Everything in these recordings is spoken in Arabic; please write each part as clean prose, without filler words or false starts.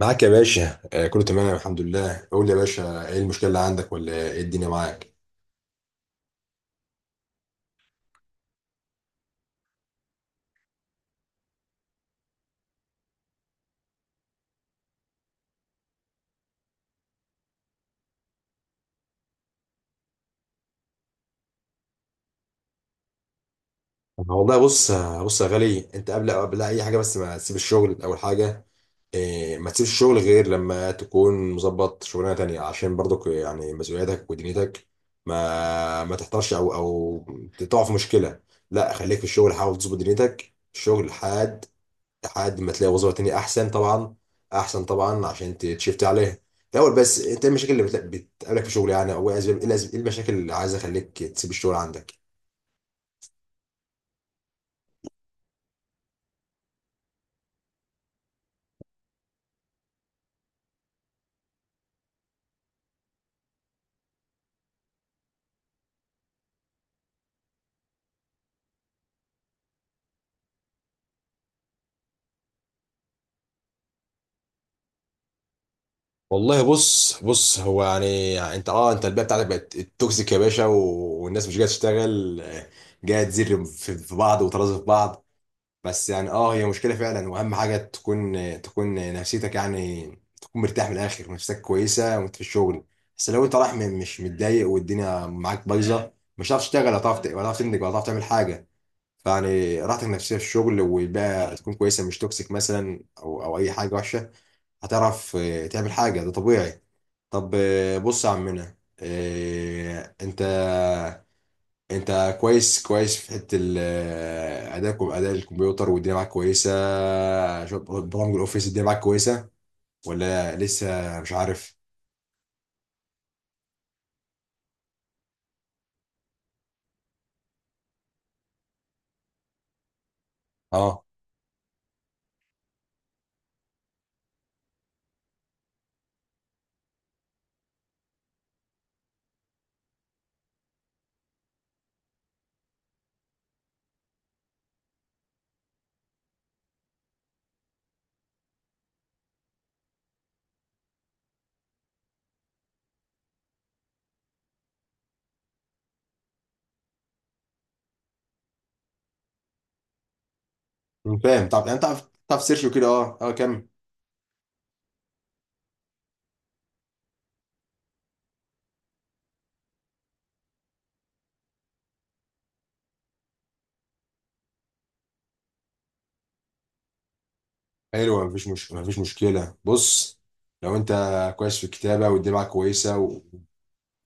معاك يا باشا، كله تمام الحمد لله. قول لي يا باشا، ايه المشكله اللي عندك ولا ايه الدنيا معاك؟ والله بص، بص يا غالي، انت قبل اي حاجه، بس ما تسيب الشغل. اول حاجه ما تسيبش الشغل غير لما تكون مظبط شغلانه تانية، عشان برضك يعني مسؤولياتك ودنيتك ما تحتارش او تقع في مشكله. لا، خليك في الشغل، حاول تظبط دنيتك، الشغل حاد لحد ما تلاقي وظيفة تانية أحسن، طبعا أحسن طبعا، عشان تشفت عليها الأول. بس أنت إيه المشاكل اللي بتقابلك في الشغل يعني؟ أو إيه إيه المشاكل اللي عايزة أخليك تسيب الشغل عندك؟ والله بص بص، هو يعني, يعني انت اه، انت البيئه بتاعتك بقت توكسيك يا باشا، والناس مش جايه تشتغل، جايه تزر في بعض وترازي في بعض. بس يعني اه، هي مشكلة فعلا، واهم حاجة تكون نفسيتك يعني تكون مرتاح. من الاخر، نفسك كويسة وانت في الشغل، بس لو انت رايح مش متضايق والدنيا معاك بايظة، مش هتعرف تشتغل، ولا هتعرف ولا هتعرف تنتج، ولا هتعرف تعمل حاجة. فيعني راحتك النفسية في الشغل والبيئة تكون كويسة، مش توكسيك مثلا او اي حاجة وحشة، هتعرف تعمل حاجة، ده طبيعي. طب بص يا عمنا، انت انت كويس في حته ادائك واداء الكمبيوتر والدنيا معاك كويسه؟ برامج الاوفيس الدنيا معاك كويسه، ولا لسه مش عارف؟ اه، فاهم. طب انت تعرف سيرش وكده؟ اه، اه، كمل. حلو، مفيش مش مفيش مشكله. بص، لو انت كويس في الكتابه والدنيا معاك كويسه و...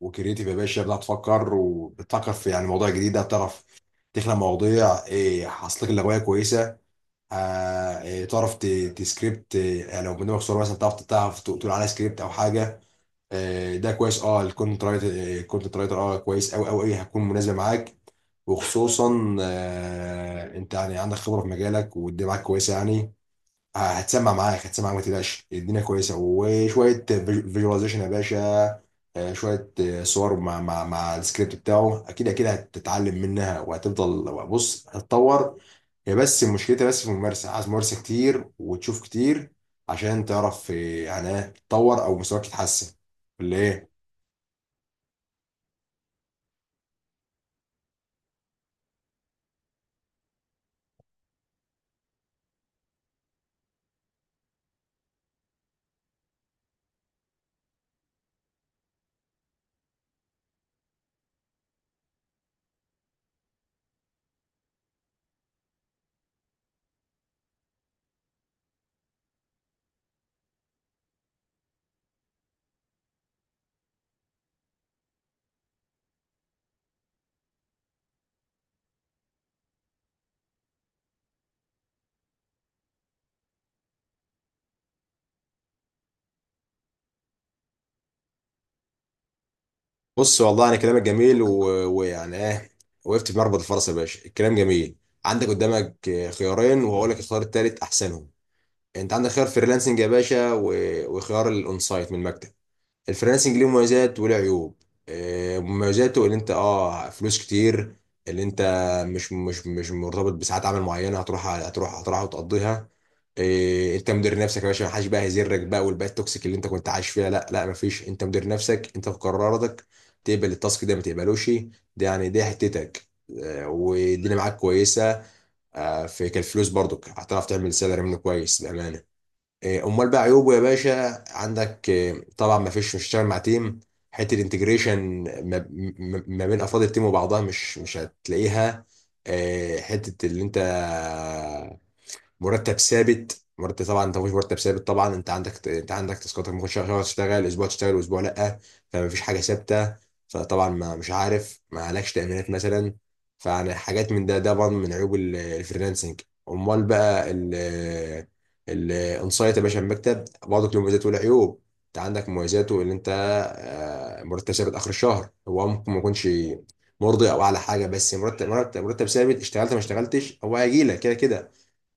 وكريتيف يا باشا، بتعرف تفكر وبتفكر في يعني مواضيع جديده، بتعرف تخلق مواضيع، ايه حصلك لك كويسه. إيه، تعرف تسكريبت إيه، يعني لو برنامج صور مثلا تعرف تقول عليه سكريبت او حاجه، ده كويس. اه، الكونتنت رايتر الكونتنت رايتر اه، كويس قوي، هتكون مناسبه معاك، وخصوصا انت يعني عندك خبره في مجالك والدنيا معاك كويسه يعني. هتسمع معاك هتسمع معاك، ما تقلقش، الدنيا كويسه. وشويه فيجواليزيشن يا باشا، شويه صور مع مع السكريبت بتاعه، اكيد اكيد هتتعلم منها وهتفضل، بص هتتطور. هي بس مشكلتها بس في الممارسة، عايز ممارسة كتير وتشوف كتير عشان تعرف إيه، يعني إيه تتطور أو مستواك يتحسن، ولا إيه. بص، والله أنا كلامك جميل ويعني إيه، وقفت في مربط الفرس يا باشا، الكلام جميل. عندك قدامك إيه، خيارين، وهقول لك الخيار التالت أحسنهم. أنت عندك خيار فريلانسنج يا باشا، وخيار الأونسايت من المكتب. الفريلانسنج ليه مميزات وله عيوب. مميزاته اللي انت اه فلوس كتير، اللي انت مش مرتبط بساعات عمل معينه، هتروح هتروح وتقضيها. انت مدير نفسك يا باشا، محدش بقى هيزرك بقى، والبيئه التوكسيك اللي انت كنت عايش فيها لا لا مفيش، انت مدير نفسك، انت في قراراتك تقبل التاسك ده ما تقبلوش، ده يعني دي حتتك. والدنيا معاك كويسه، في كالفلوس برضك هتعرف تعمل سالري منه كويس بامانه. إيه، امال بقى عيوبه يا باشا، عندك إيه، طبعا ما فيش مش هتشتغل مع تيم، حته الانتجريشن ما بين افراد التيم وبعضها مش هتلاقيها. إيه، حته اللي انت مرتب ثابت، مرتب طبعا انت مفيش مرتب ثابت، طبعا انت عندك، انت عندك تاسكات، ممكن شهر تشتغل، اسبوع تشتغل واسبوع لا، فمفيش حاجه ثابته، فطبعا ما مش عارف ما عليكش تامينات مثلا، فانا حاجات من ده، ده برضه من عيوب الفريلانسنج. امال بقى ال الانسايت يا باشا، المكتب برضه له مميزات وله عيوب. انت عندك مميزاته ان انت مرتب ثابت اخر الشهر، هو ممكن ما يكونش مرضي او اعلى حاجه، بس مرتب مرتب ثابت، اشتغلت ما اشتغلتش، هو هيجي لك كده كده.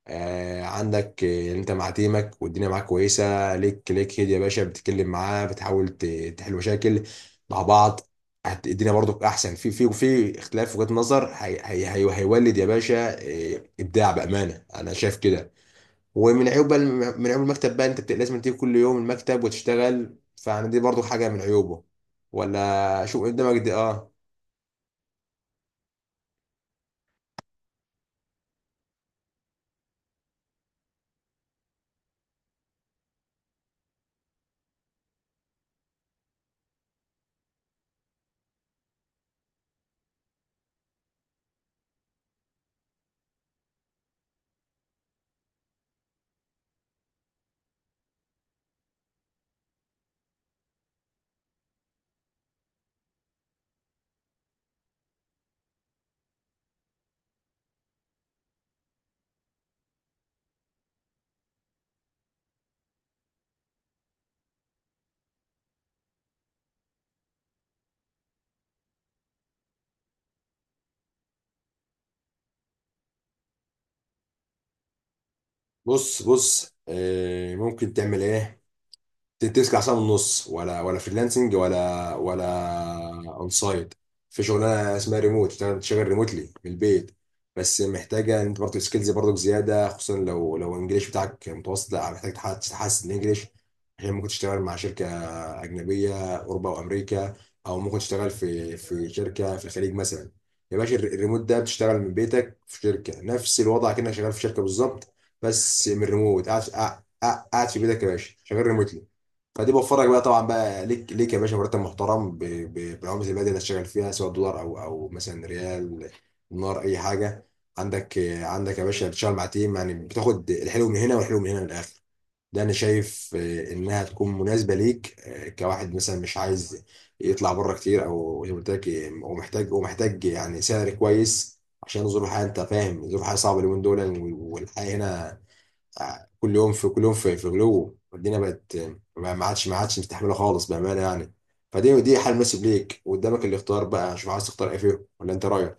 آه عندك انت مع تيمك والدنيا معاك كويسه، ليك ليك هيد يا باشا، بتتكلم معاه بتحاول تحل مشاكل مع بعض. الدنيا برضك احسن، في في اختلاف وجهات نظر، هي هيولد يا باشا ابداع، بامانه انا شايف كده. ومن عيوب بقى من عيوب المكتب بقى، انت لازم تيجي كل يوم المكتب وتشتغل، فانا دي برضو حاجه من عيوبه. ولا شوف قدامك دي اه. بص بص، ممكن تعمل ايه، 9 ساعة ونص، ولا فريلانسنج، ولا اون سايت. في شغلانه اسمها ريموت، تشتغل ريموتلي من البيت. بس محتاجه ان انت برضه سكيلز برضه زياده، خصوصا لو الانجليش بتاعك متوسط، لا محتاج تحسن الانجليش، عشان ممكن تشتغل مع شركه اجنبيه، اوروبا وامريكا، او ممكن تشتغل في شركه في الخليج مثلا. يا باشا الريموت ده بتشتغل من بيتك في شركه، نفس الوضع كأنك شغال في شركه بالظبط، بس من ريموت، قاعد قاعد في بيتك يا باشا، شغال ريموتلي. فدي بوفرك بقى طبعا بقى، ليك ليك يا باشا مرتب محترم بالعمله البلد اللي هتشتغل فيها، سواء دولار او مثلا ريال، دينار، اي حاجه. عندك عندك يا باشا، بتشتغل مع تيم يعني، بتاخد الحلو من هنا والحلو من هنا، من الاخر ده انا شايف انها تكون مناسبه ليك، كواحد مثلا مش عايز يطلع بره كتير، او زي ما قلت لك ومحتاج، ومحتاج يعني سعر كويس عشان ظروف الحياه. انت فاهم ظروف الحياه صعبه اليومين دول، والحياه هنا كل يوم في كل يوم في غلو، والدنيا بقت ما عادش مستحمله خالص بامانه يعني. فدي دي حل مناسب ليك، وقدامك الاختيار بقى، شوف عايز تختار ايه فيهم ولا انت رايك.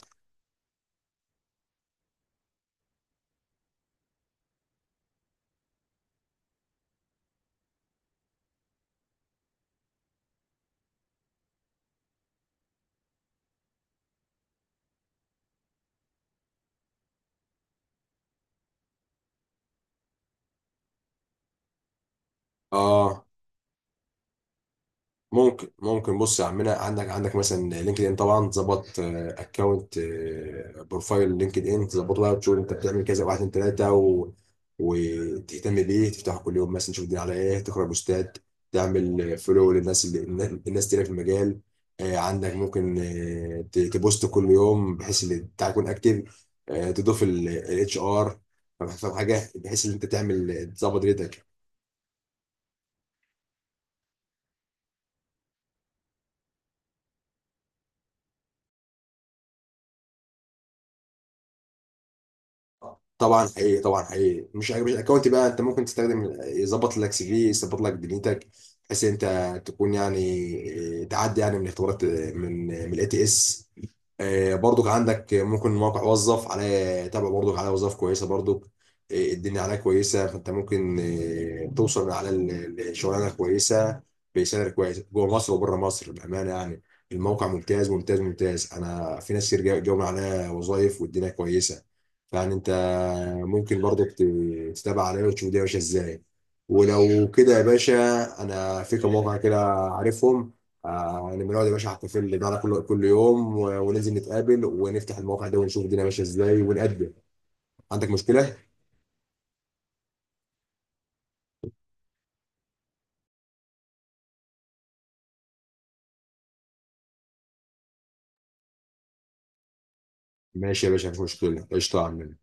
اه، ممكن بص يا عمنا، عندك مثلا لينكد ان، طبعا تظبط اكونت، بروفايل لينكد ان تظبطه بقى، وتشوف انت بتعمل كذا واحد اتنين تلاته و... وتهتم بيه، تفتحه كل يوم مثلا، تشوف الدنيا على ايه، تقرا بوستات، تعمل فولو للناس اللي الناس تلاقي في المجال. عندك ممكن تبوست كل يوم، بحيث ان بتاعك يكون اكتف، تضيف الـ HR، فاهم حاجه، بحيث ان انت تعمل تظبط ريتك. طبعا حقيقي، طبعا حقيقي، مش الاكونت بقى، انت ممكن تستخدم يظبط لك CV، يظبط لك دنيتك، بحيث ان انت تكون يعني تعدي يعني من اختبارات من من الـ IELTS. برضك عندك ممكن موقع وظف، عليه تابع برضك، عليه وظائف كويسه برضك، الدنيا عليه كويسه، فانت ممكن توصل من على الشغلانه كويسه بسعر كويس جوه مصر وبره مصر بامانه يعني. الموقع ممتاز ممتاز، انا في ناس كتير جاوا من عليه وظائف والدنيا كويسه. فيعني انت ممكن برضك تتابع عليه وتشوف الدنيا ماشيه ازاي. ولو كده يا باشا، انا في كم موقع كده عارفهم، آه يعني بنقعد يا باشا على الكافيه ده كل يوم، وننزل نتقابل ونفتح المواقع ده ونشوف الدنيا ماشيه ازاي ونقدم. عندك مشكله؟ ماشي يا باشا، مفيش مشكله، قشطه يا عم.